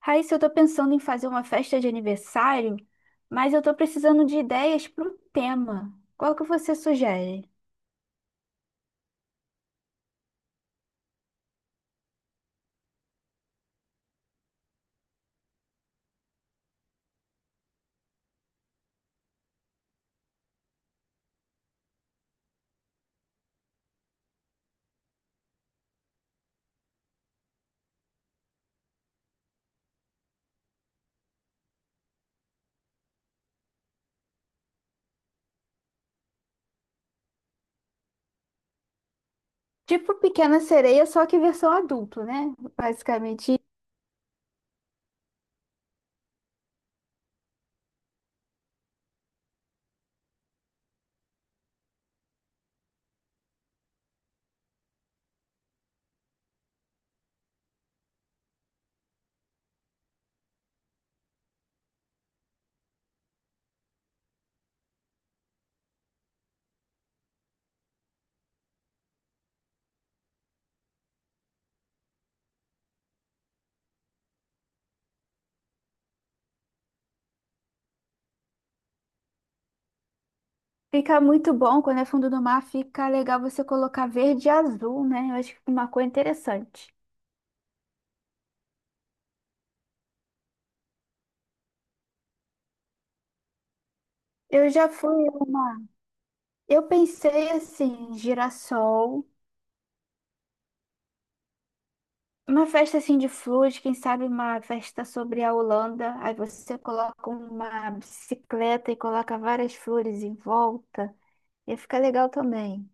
Raíssa, eu tô pensando em fazer uma festa de aniversário, mas eu tô precisando de ideias para o tema. Qual que você sugere? Tipo Pequena Sereia, só que versão adulto, né? Basicamente, fica muito bom quando é fundo do mar, fica legal você colocar verde e azul, né? Eu acho que fica uma cor interessante. Eu já fui a uma. Eu pensei assim, girassol. Uma festa assim de flores, quem sabe uma festa sobre a Holanda. Aí você coloca uma bicicleta e coloca várias flores em volta. Ia ficar legal também.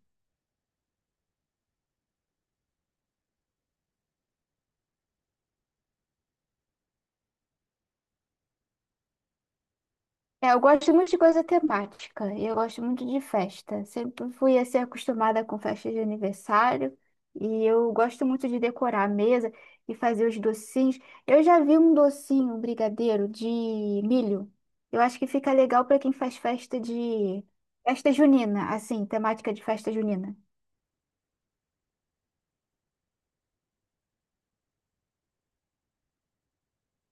É, eu gosto muito de coisa temática, e eu gosto muito de festa. Sempre fui assim acostumada com festas de aniversário, e eu gosto muito de decorar a mesa e fazer os docinhos. Eu já vi um docinho, um brigadeiro de milho. Eu acho que fica legal para quem faz festa de festa junina, assim, temática de festa junina.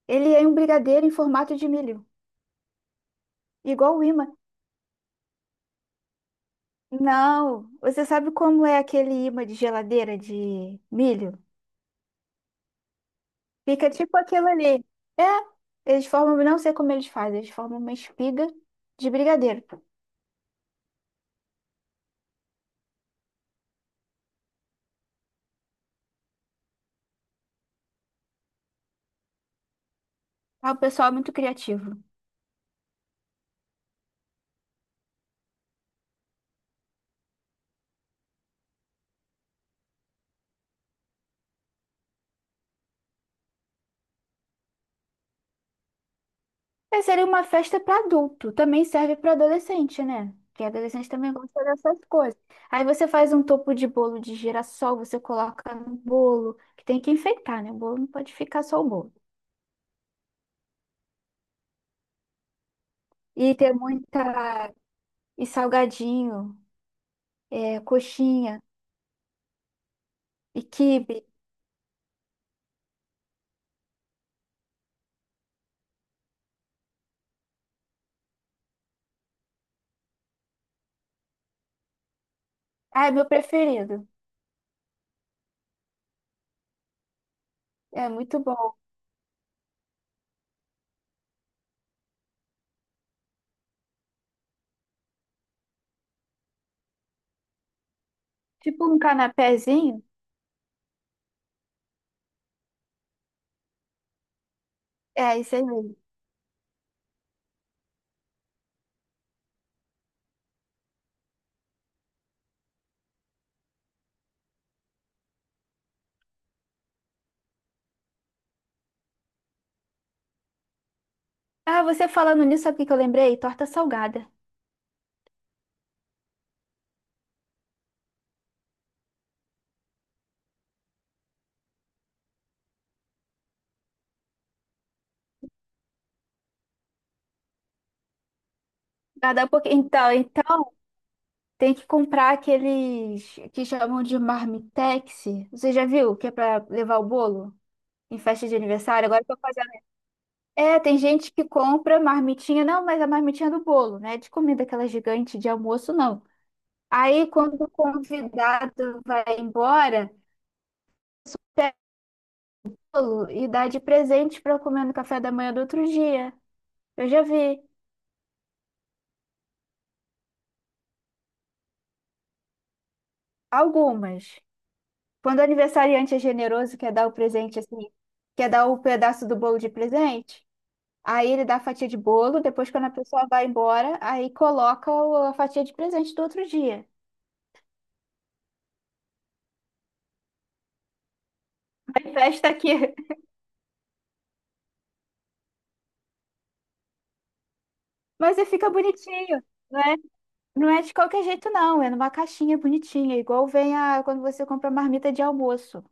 Ele é um brigadeiro em formato de milho, igual o imã. Não, você sabe como é aquele imã de geladeira de milho? Fica tipo aquilo ali. É, eles formam, não sei como eles fazem, eles formam uma espiga de brigadeiro. Ah, o pessoal é muito criativo. É, seria uma festa para adulto, também serve para adolescente, né? Porque adolescente também gosta dessas coisas. Aí você faz um topo de bolo de girassol, você coloca no bolo, que tem que enfeitar, né? O bolo não pode ficar só o bolo. E tem muita. E salgadinho, é, coxinha, e quibe. Ah, é meu preferido. É muito bom. Tipo um canapézinho. É, isso aí mesmo. Ah, você falando nisso, sabe o que que eu lembrei? Torta salgada. Cada pouco... Então, tem que comprar aqueles que chamam de marmitex. Você já viu? Que é pra levar o bolo em festa de aniversário? Agora eu tô fazendo. É, tem gente que compra marmitinha. Não, mas a marmitinha do bolo, né? De comida aquela gigante de almoço, não. Aí, quando o convidado vai embora, pega o bolo e dá de presente pra comer no café da manhã do outro dia. Eu já vi algumas. Quando o aniversariante é generoso, quer dar o presente assim, quer dar o pedaço do bolo de presente, aí ele dá a fatia de bolo, depois quando a pessoa vai embora, aí coloca o- a fatia de presente do outro dia. Festa aqui. Mas aí fica bonitinho, não é? Não é de qualquer jeito, não. É numa caixinha bonitinha, igual vem a, quando você compra marmita de almoço.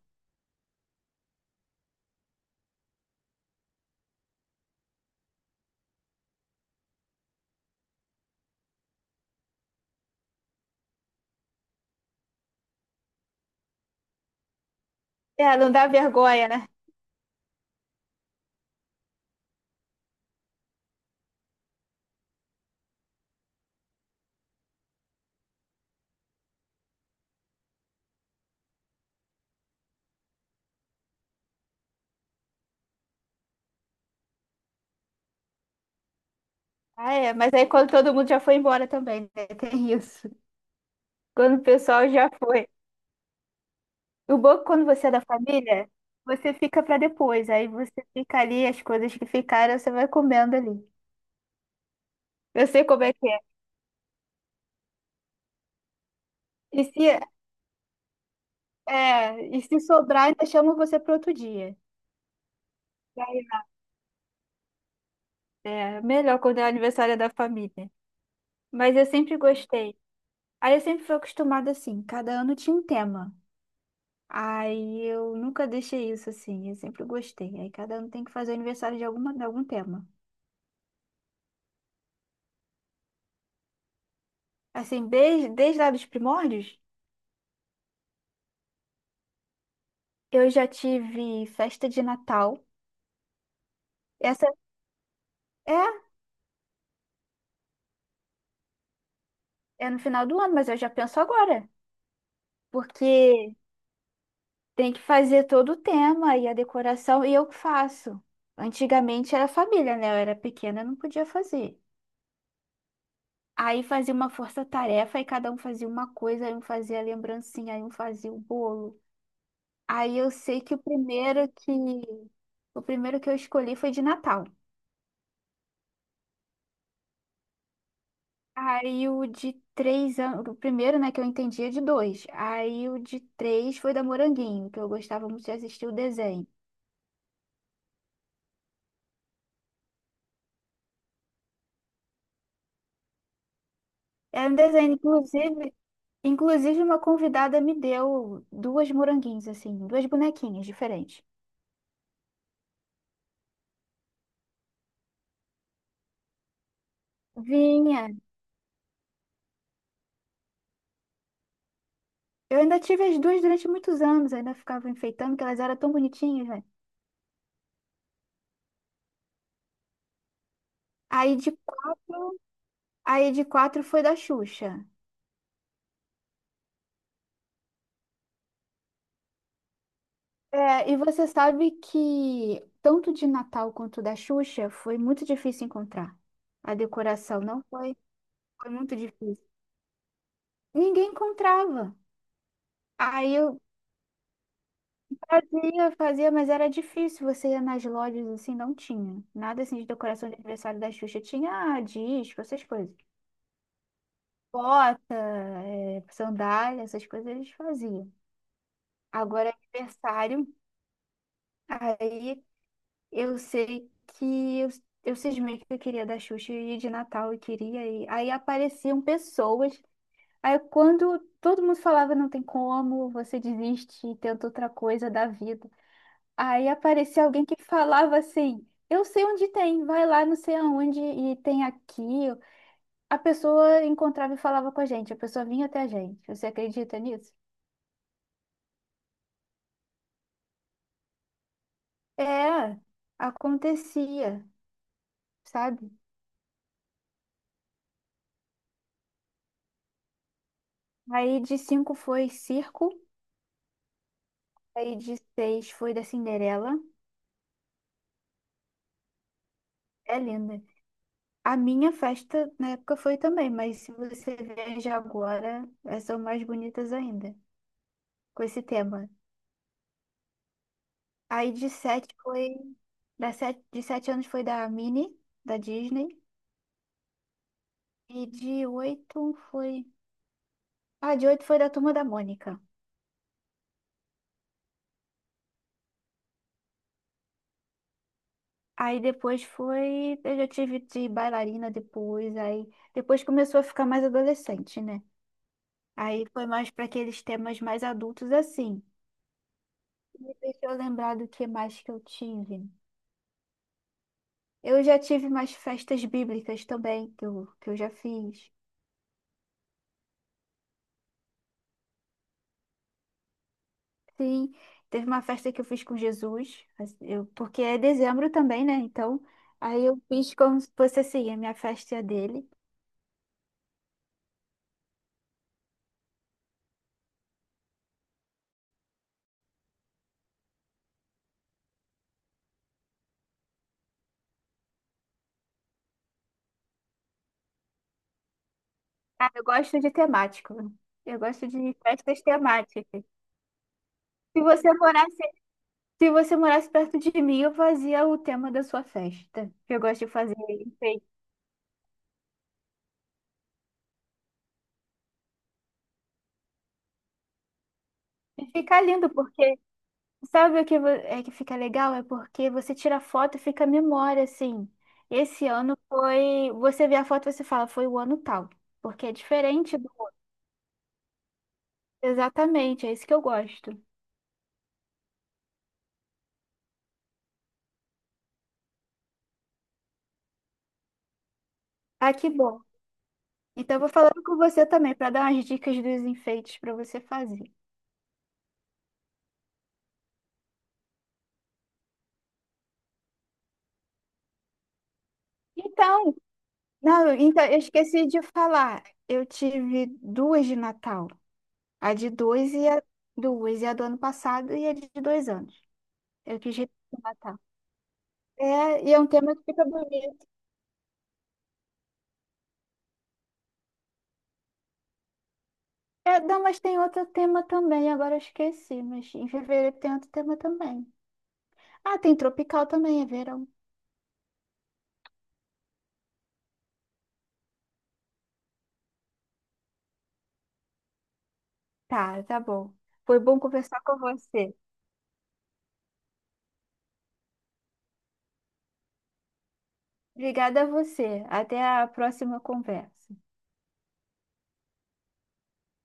É, não dá vergonha, né? Ah, é, mas aí quando todo mundo já foi embora também, né? Tem isso. Quando o pessoal já foi. O banco, quando você é da família, você fica pra depois. Aí você fica ali, as coisas que ficaram, você vai comendo ali. Eu sei como é que é. E se, é, e se sobrar, ainda chamam você para outro dia. E aí, é melhor quando é aniversário da família. Mas eu sempre gostei. Aí eu sempre fui acostumada assim, cada ano tinha um tema. Aí eu nunca deixei isso assim, eu sempre gostei. Aí cada ano tem que fazer aniversário de alguma, de algum tema. Assim, desde lá dos primórdios, eu já tive festa de Natal. Essa é, é no final do ano, mas eu já penso agora, porque tem que fazer todo o tema e a decoração, e eu que faço. Antigamente era família, né? Eu era pequena, eu não podia fazer. Aí fazia uma força-tarefa e cada um fazia uma coisa, aí um fazia a lembrancinha, aí um fazia o bolo. Aí eu sei que o primeiro que eu escolhi foi de Natal. Aí o de 3 anos, o primeiro, né, que eu entendia de dois. Aí o de três foi da Moranguinho, que eu gostava muito de assistir o desenho. É um desenho, inclusive uma convidada me deu duas moranguinhos, assim, duas bonequinhas diferentes. Vinha. Eu ainda tive as duas durante muitos anos, ainda ficava enfeitando, que elas eram tão bonitinhas, né? Aí de quatro, aí de quatro foi da Xuxa. É, e você sabe que tanto de Natal quanto da Xuxa foi muito difícil encontrar. A decoração não foi, foi muito difícil. Ninguém encontrava. Aí eu, Fazia, fazia, mas era difícil. Você ia nas lojas assim, não tinha. Nada assim de decoração de aniversário da Xuxa. Tinha ah, disco, essas coisas. Bota, sandália, essas coisas eles faziam. Agora é aniversário, aí eu sei que eu cismei que eu queria da Xuxa e de Natal eu queria ir. Aí apareciam pessoas. Aí quando todo mundo falava não tem como, você desiste e tenta outra coisa da vida. Aí aparecia alguém que falava assim: eu sei onde tem, vai lá, não sei aonde, e tem aqui. A pessoa encontrava e falava com a gente, a pessoa vinha até a gente. Você acredita nisso? É, acontecia, sabe? Aí de cinco foi circo, aí de seis foi da Cinderela. É linda. A minha festa na época foi também, mas se você veja agora, elas são mais bonitas ainda, com esse tema. Aí de sete foi. De 7 anos foi da Minnie, da Disney. E de oito foi. Ah, de oito foi da Turma da Mônica. Aí depois foi. Eu já tive de bailarina depois. Aí depois começou a ficar mais adolescente, né? Aí foi mais para aqueles temas mais adultos assim. E deixa eu lembrar do que mais que eu tive. Eu já tive mais festas bíblicas também, que eu já fiz. Sim, teve uma festa que eu fiz com Jesus, assim, eu, porque é dezembro também, né? Então, aí eu fiz como se fosse assim, a minha festa e a dele. Ah, eu gosto de temático. Eu gosto de festas temáticas. Se você morasse, se você morasse perto de mim, eu fazia o tema da sua festa. Que Eu gosto de fazer enfeite. E fica lindo, porque sabe o que é que fica legal? É porque você tira foto e fica a memória, assim. Esse ano foi. Você vê a foto e você fala, foi o ano tal. Porque é diferente. Exatamente, é isso que eu gosto. Ah, que bom. Então, eu vou falando com você também, para dar umas dicas dos enfeites para você fazer. Então, não, então, eu esqueci de falar. Eu tive duas de Natal. A de dois e a duas, e a do ano passado e a de 2 anos. Eu quis repetir o Natal. É, e é um tema que fica bonito. É, não, mas tem outro tema também, agora eu esqueci, mas em fevereiro tem outro tema também. Ah, tem tropical também, é verão. Tá, tá bom. Foi bom conversar com você. Obrigada a você. Até a próxima conversa.